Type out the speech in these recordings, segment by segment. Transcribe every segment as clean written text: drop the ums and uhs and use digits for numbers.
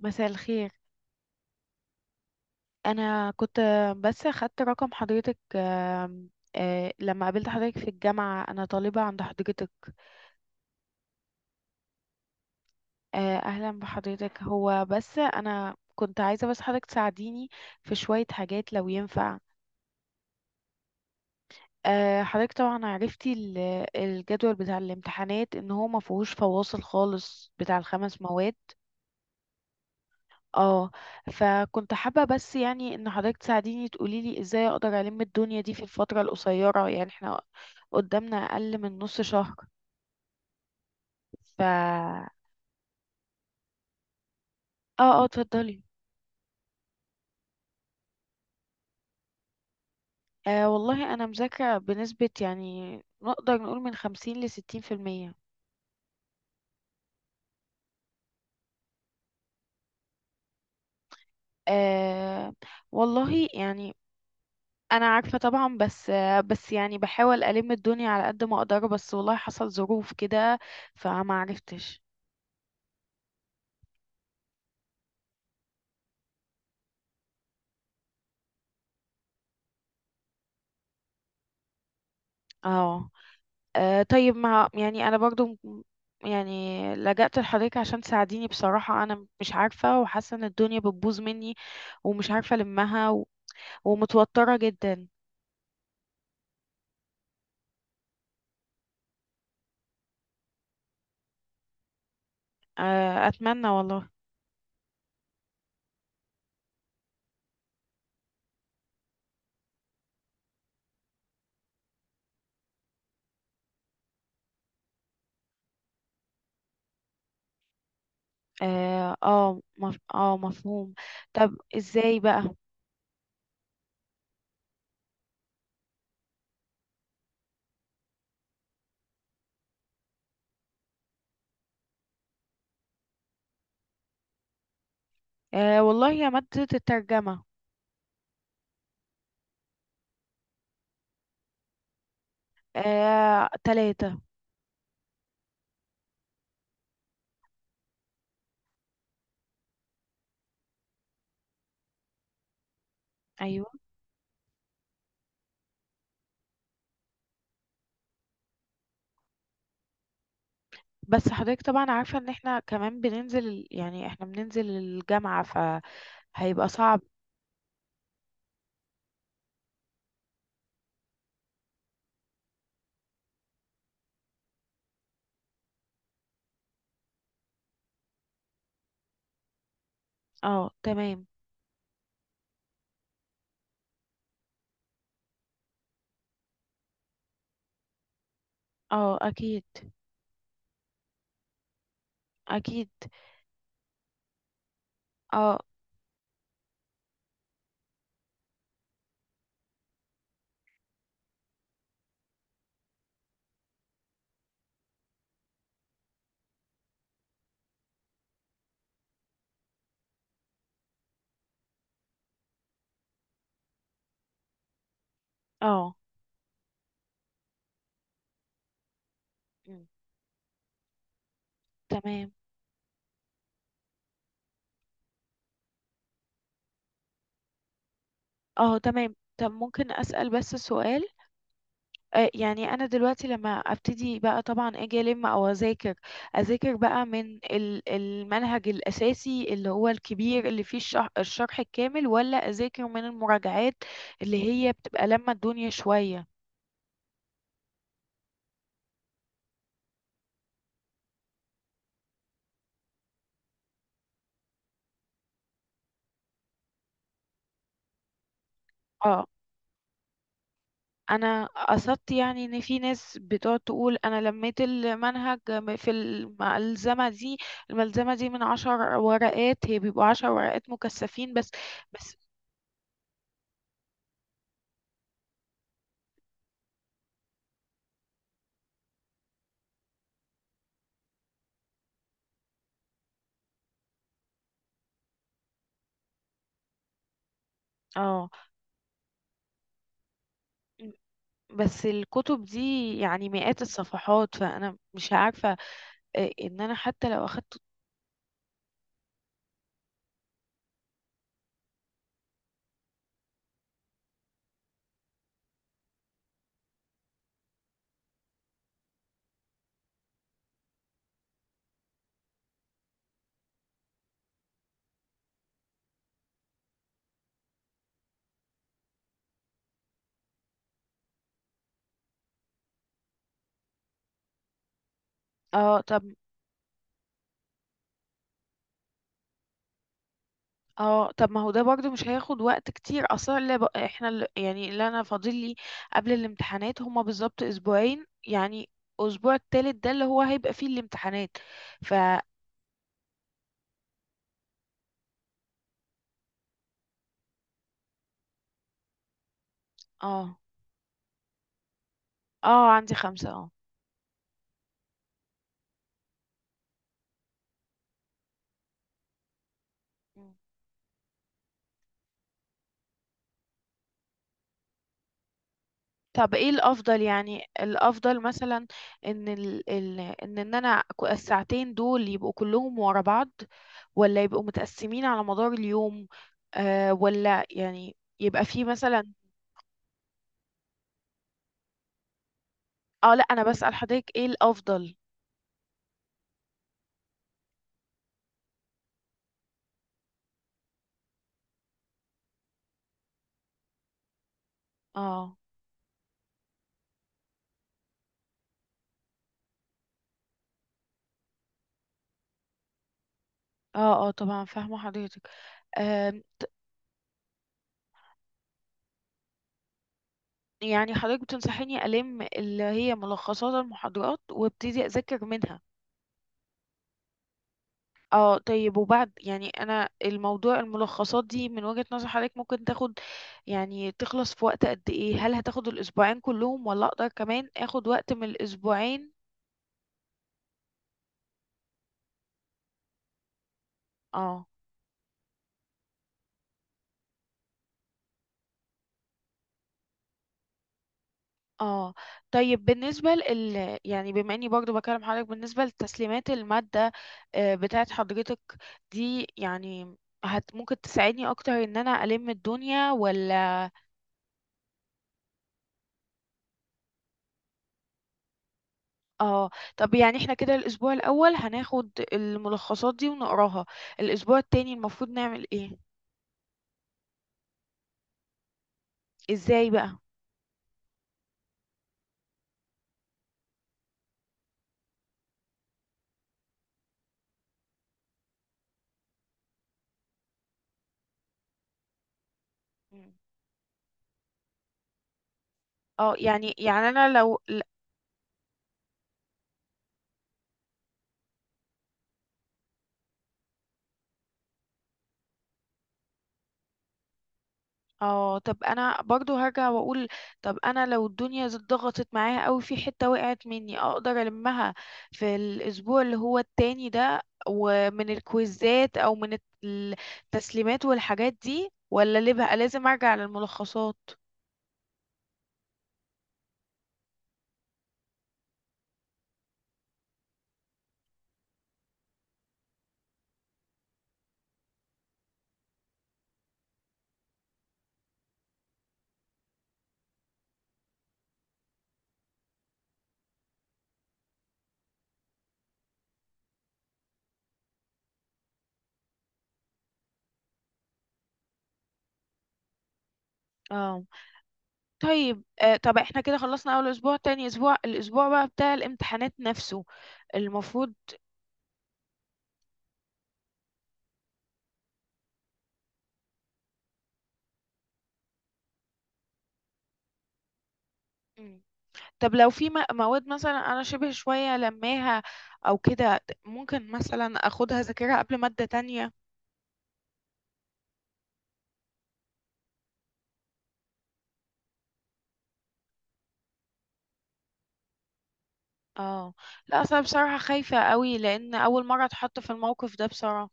مساء الخير. انا كنت بس اخدت رقم حضرتك، آم، آه، لما قابلت حضرتك في الجامعة، انا طالبة عند حضرتك. اهلا بحضرتك. هو بس انا كنت عايزة بس حضرتك تساعديني في شوية حاجات لو ينفع. حضرتك طبعا عرفتي الجدول بتاع الامتحانات ان هو ما فيهوش فواصل خالص بتاع الخمس مواد. اه، فكنت حابة بس يعني ان حضرتك تساعديني تقولي لي ازاي اقدر الم الدنيا دي في الفترة القصيرة. يعني احنا قدامنا اقل من نص شهر. ف اه اه، اتفضلي. والله انا مذاكرة بنسبة، يعني نقدر نقول من 50-60%. آه والله يعني انا عارفة طبعا، بس بس يعني بحاول الم الدنيا على قد ما اقدر، بس والله حصل ظروف كده فما عرفتش. اه. آه طيب ما يعني انا برضو م- يعني لجأت لحضرتك عشان تساعديني. بصراحة انا مش عارفة وحاسة ان الدنيا بتبوظ مني، ومش عارفة المها ومتوترة جدا. اتمنى والله. اه اه مف... آه، مفهوم. طب ازاي بقى؟ والله يا مادة الترجمة. تلاتة. ايوه. بس حضرتك طبعا عارفة ان احنا كمان بننزل يعني احنا بننزل الجامعة فهيبقى صعب. اه تمام. اه اكيد. اكيد. اه اه. مم. تمام. اه تمام، طب ممكن اسال بس سؤال؟ يعني انا دلوقتي لما ابتدي بقى، طبعا اجي الم او اذاكر. اذاكر بقى من المنهج الاساسي اللي هو الكبير اللي فيه الشرح الكامل، ولا اذاكر من المراجعات اللي هي بتبقى لما الدنيا شوية؟ اه. انا قصدت يعني ان في ناس بتقعد تقول انا لميت المنهج في الملزمه دي. الملزمه دي من 10 ورقات، هي بيبقوا 10 ورقات مكثفين بس. بس. اه. بس الكتب دي يعني مئات الصفحات، فانا مش عارفه ان انا حتى لو اخدت. اه طب. اه طب، ما هو ده برضو مش هياخد وقت كتير اصلا. اللي ب... احنا اللي... يعني اللي انا فاضل لي قبل الامتحانات هما بالظبط اسبوعين يعني. اسبوع التالت ده اللي هو هيبقى فيه الامتحانات. ف اه اه، عندي خمسة اه. مم. طب ايه الافضل؟ يعني الافضل مثلا ان ال... ال... ان ان انا الساعتين دول يبقوا كلهم ورا بعض، ولا يبقوا متقسمين على مدار اليوم؟ ولا يعني يبقى فيه مثلا... اه لا، انا بسأل حضرتك ايه الافضل. اه اه اه، طبعا فاهمة حضرتك. آم، يعني حضرتك بتنصحيني ألم اللي هي ملخصات المحاضرات وابتدي أذاكر منها؟ اه طيب. وبعد يعني أنا، الموضوع الملخصات دي من وجهة نظر حضرتك ممكن تاخد، يعني تخلص في وقت قد ايه؟ هل هتاخد الأسبوعين كلهم، ولا أقدر كمان أخد وقت من الأسبوعين؟ اه اه. طيب بالنسبة لل، يعني بما اني برضو بكلم حضرتك، بالنسبة لتسليمات المادة بتاعت حضرتك دي، يعني ممكن تساعدني اكتر ان انا الم الدنيا ولا... اه طب، يعني احنا كده الاسبوع الاول هناخد الملخصات دي ونقراها. الاسبوع التاني المفروض نعمل ايه؟ ازاي بقى؟ مم. اه يعني انا لو... اه طب انا برضو هرجع واقول، طب انا لو الدنيا ضغطت معايا قوي في حتة وقعت مني، اقدر المها في الاسبوع اللي هو التاني ده، ومن الكويزات او من التسليمات والحاجات دي، ولا اللي بقى لازم ارجع للملخصات؟ اه طيب. طب احنا كده خلصنا اول اسبوع، تاني اسبوع، الاسبوع بقى بتاع الامتحانات نفسه المفروض. طب لو في مواد مثلا انا شبه شوية لماها او كده، ممكن مثلا اخدها ذاكرها قبل مادة تانية. اه لا اصل أنا بصراحة خايفة قوي، لان اول مرة اتحط في الموقف ده بصراحة.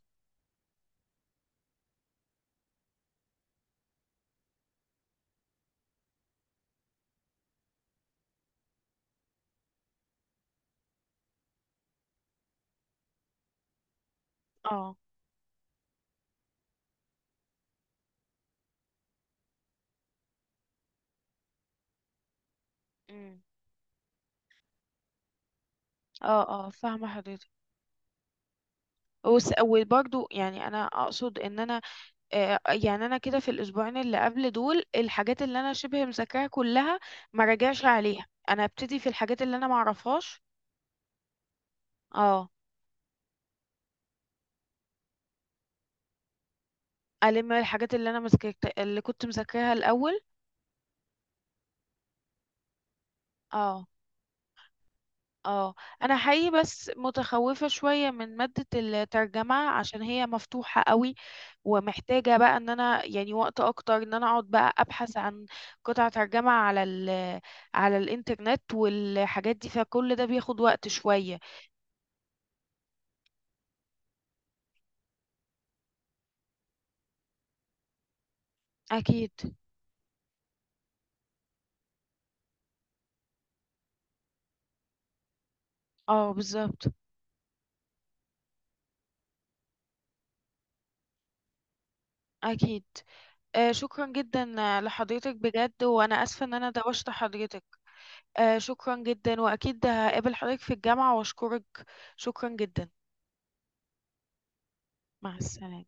اه. أمم. اه اه فاهمة حضرتك. وبرضو يعني انا اقصد ان انا يعني انا كده في الاسبوعين اللي قبل دول، الحاجات اللي انا شبه مذاكراها كلها ما راجعش عليها، انا ابتدي في الحاجات اللي انا ما اعرفهاش. اه. الم الحاجات اللي انا مذاكرت، اللي كنت مذاكراها الاول. اه اه. انا حقيقي بس متخوفة شوية من مادة الترجمة عشان هي مفتوحة قوي، ومحتاجة بقى ان انا يعني وقت اكتر، ان انا اقعد بقى ابحث عن قطع ترجمة على الانترنت والحاجات دي، فكل ده بياخد وقت شوية. اكيد. اه بالظبط. اكيد. شكرا جدا لحضرتك بجد، وانا اسفة ان انا دوشت حضرتك. شكرا جدا، واكيد هقابل حضرتك في الجامعة واشكرك. شكرا جدا. مع السلامة.